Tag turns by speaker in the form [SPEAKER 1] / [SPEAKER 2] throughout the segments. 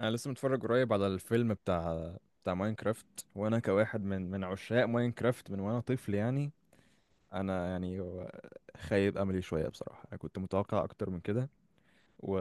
[SPEAKER 1] انا لسه متفرج قريب على الفيلم بتاع ماينكرافت، وانا كواحد من عشاق ماينكرافت من وانا طفل يعني. انا يعني خايب املي شويه بصراحه. انا كنت متوقع اكتر من كده و...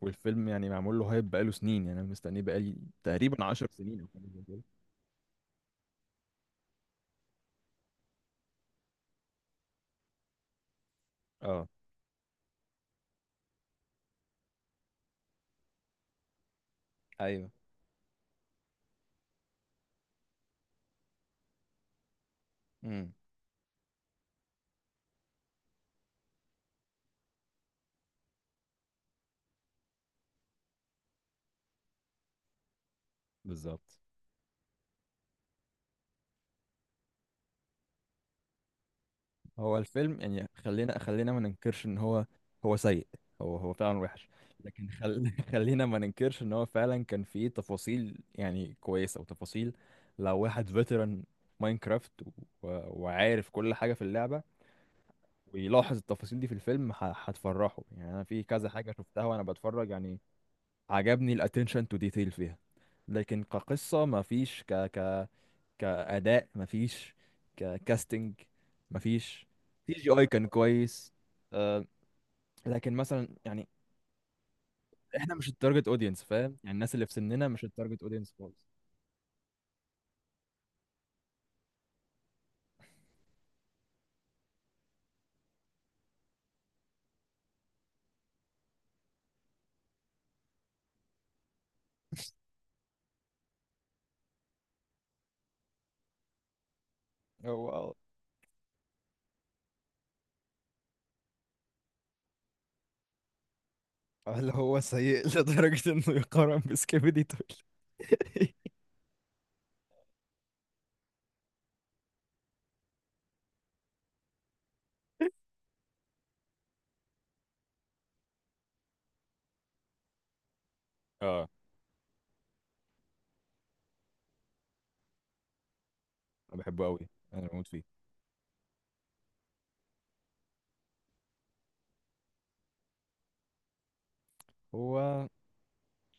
[SPEAKER 1] والفيلم يعني معمول له هايب بقاله سنين. يعني انا مستنيه بقالي تقريبا 10 سنين او حاجه زي كده. اه، ايوه. امم. بالظبط. هو الفيلم يعني خلينا ما ننكرش ان هو سيء، هو فعلا وحش. لكن خلينا ما ننكرش ان هو فعلا كان فيه تفاصيل يعني كويسة وتفاصيل. لو واحد فيتران ماينكرافت وعارف كل حاجة في اللعبة، ويلاحظ التفاصيل دي في الفيلم، هتفرحه يعني. انا في كذا حاجة شفتها وانا بتفرج يعني. عجبني الاتنشن تو ديتيل فيها. لكن كقصة ما فيش، كأداء مفيش، ككاستنج مفيش. سي جي اي كان كويس. آه، لكن مثلا يعني احنا مش التارجت اودينس، فاهم؟ يعني الناس اللي في سننا مش التارجت اودينس خالص. هو هل هو سيء لدرجة انه يقارن بسكيبيدي تول؟ اه، انا بحبه قوي، انا بموت فيه. هو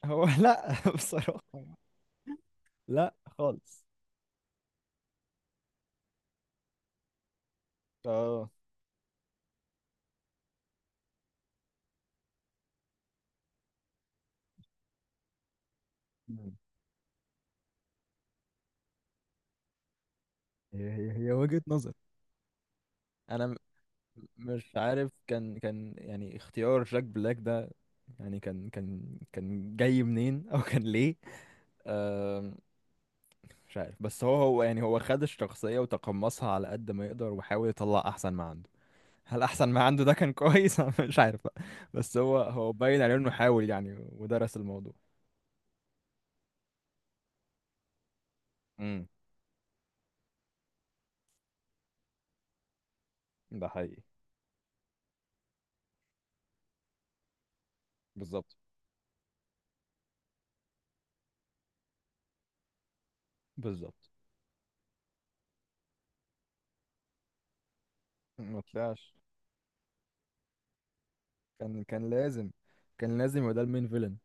[SPEAKER 1] هو لا بصراحة. لا خالص. اه. مم. هي وجهة نظر. انا مش عارف، كان كان يعني اختيار جاك بلاك ده يعني كان جاي منين، او كان ليه؟ أم، مش عارف. بس هو يعني هو خد الشخصية وتقمصها على قد ما يقدر، وحاول يطلع احسن ما عنده. هل احسن ما عنده ده كان كويس؟ أنا مش عارف بقى. بس هو باين عليه انه حاول يعني، ودرس الموضوع. امم. ده حقيقي. بالظبط. بالظبط. ما طلعش. كان لازم. كان لازم يبقى ده المين فيلن.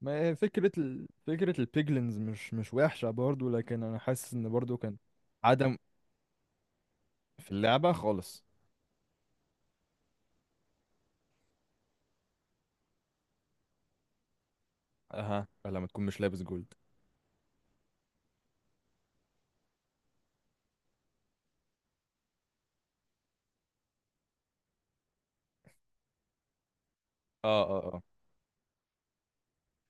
[SPEAKER 1] ما هي فكرة فكرة البيجلينز مش وحشة برضو، لكن أنا حاسس إن برضو كان... عدم. في اللعبة خالص. اها، لما تكون مش لابس جولد. اه اه اه.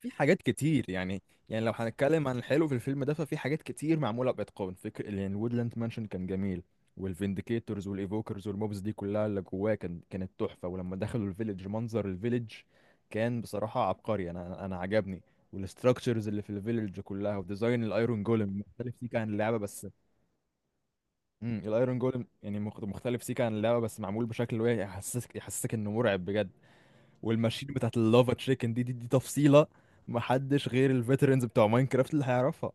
[SPEAKER 1] في حاجات كتير يعني. يعني لو هنتكلم عن الحلو في الفيلم ده ففي حاجات كتير معموله باتقان. فكر يعني الوودلاند مانشن كان جميل، والفينديكيتورز والايفوكرز والموبز دي كلها اللي جواه كان كانت تحفه. ولما دخلوا الفيليج، منظر الفيليج كان بصراحه عبقري. انا عجبني. والاستراكشرز اللي في الفيليج كلها، وديزاين الايرون جولم مختلف سيكا عن اللعبه، بس... امم، الايرون جولم يعني مختلف سيكا عن اللعبه، بس معمول بشكل اللي هو يحسسك انه مرعب بجد. والماشين بتاعت اللافا تشيكن دي تفصيله. محدش غير الفيترنز بتوع ماينكرافت اللي هيعرفها.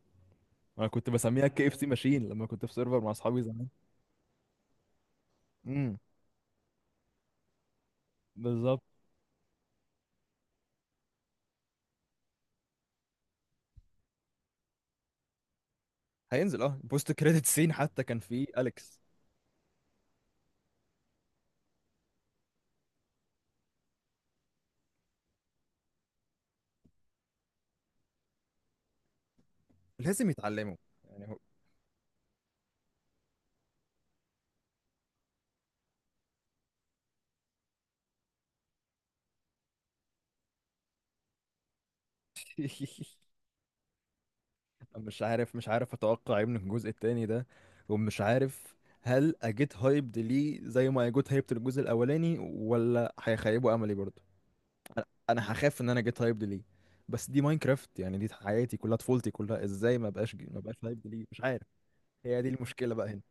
[SPEAKER 1] انا كنت بسميها كي اف سي ماشين لما كنت في سيرفر مع اصحابي زمان. امم. بالظبط. هينزل، اه، بوست كريدت سين حتى كان فيه اليكس. لازم يتعلموا. يعني هو... مش عارف. اتوقع ايه من الجزء التاني ده، ومش عارف، هل اجيت هايبد ليه زي ما اجيت هايبد للجزء الاولاني، ولا هيخيبوا املي برضه؟ انا هخاف ان انا جيت هايبد ليه. بس دي ماينكرافت يعني، دي حياتي كلها، طفولتي كلها. ازاي ما بقاش هايبد ليه؟ مش عارف. هي دي المشكله بقى هنا.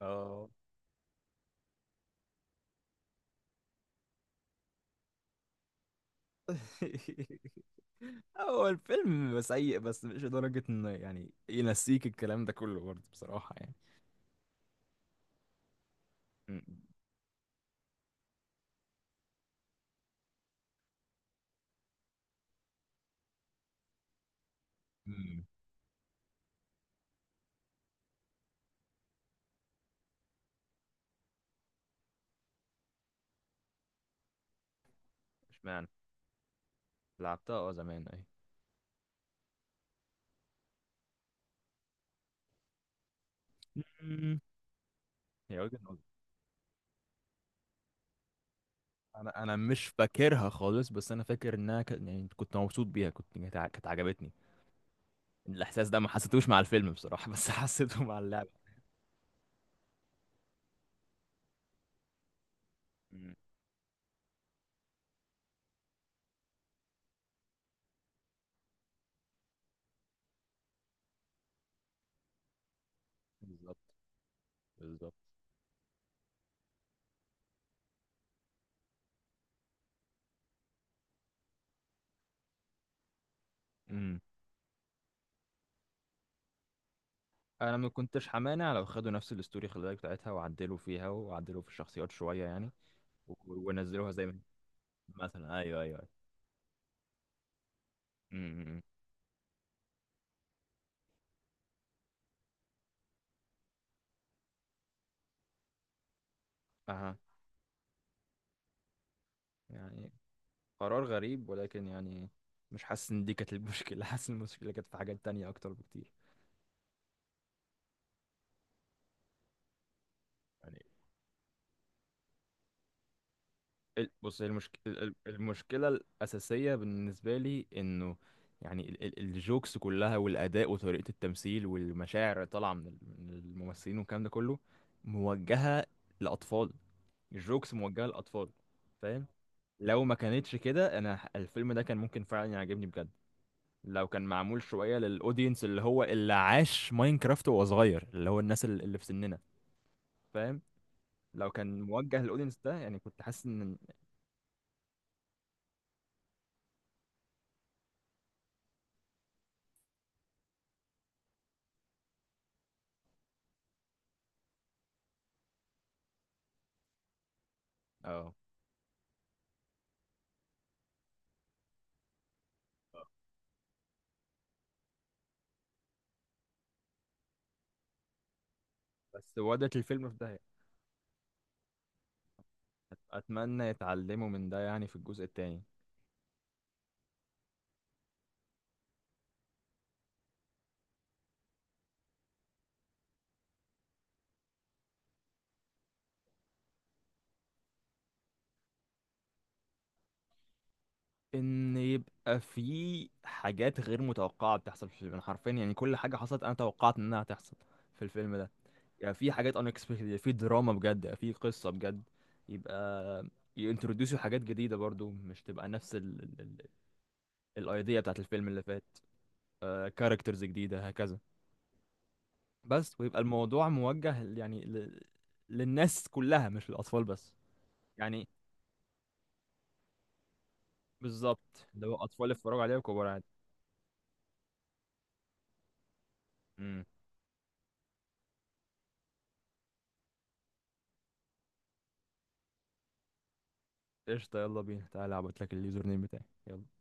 [SPEAKER 1] اه. هو الفيلم سيء، بس مش لدرجة ان يعني ينسيك الكلام ده كله برضه بصراحة يعني. امم. اشمعنى؟ لعبتها، اه، زمان اهي. مم. هي وجهة نظر. انا مش فاكرها خالص، بس انا فاكر انها، يعني كنت مبسوط بيها، كنت، كانت عجبتني. الاحساس ده ما حسيتوش مع الفيلم بصراحة، بس حسيته مع اللعبة. مم. بالظبط. بالظبط. امم. انا ما كنتش همانع لو خدوا نفس الاستوري، خلي بالك، بتاعتها، وعدلوا فيها وعدلوا في الشخصيات شويه يعني، و- ونزلوها زي ما هي. مثلا ايوه، ايوه، أيوة. امم. اها. يعني قرار غريب، ولكن يعني مش حاسس ان دي كانت المشكله. حاسس إن المشكله كانت في حاجات تانية اكتر بكتير. بص، هي المشكلة الأساسية بالنسبة لي إنه يعني الجوكس كلها، والأداء وطريقة التمثيل، والمشاعر اللي طالعة من الممثلين، والكلام ده كله موجهة لأطفال. الجوكس موجهة لأطفال. فاهم؟ لو ما كانتش كده أنا الفيلم ده كان ممكن فعلا يعجبني بجد. لو كان معمول شوية للأودينس اللي هو اللي عاش ماينكرافت وهو صغير، اللي هو الناس اللي في سننا، فاهم؟ لو كان موجه للأودينس ده يعني كنت حاسس إن... اه. بس ودت الفيلم في ده. اتمنى يتعلموا من ده يعني في الجزء التاني. ان يبقى في حاجات غير متوقعه بتحصل في الفيلم. أنا حرفيا يعني كل حاجه حصلت انا توقعت انها هتحصل في الفيلم ده. يعني في حاجات unexpected، يعني في دراما بجد، يعني في قصه بجد. يبقى ينتروديوسوا حاجات جديده برضو، مش تبقى نفس الايديا بتاعت الفيلم اللي فات. كاركترز جديده هكذا. بس، ويبقى الموضوع موجه، يعني، للناس كلها مش للاطفال بس. يعني بالظبط، اللي هو اطفال يتفرجوا عليها وكبار عادي. امم. قشطة، يلا بينا، تعالى ابعت لك اليوزر نيم بتاعي، يلا.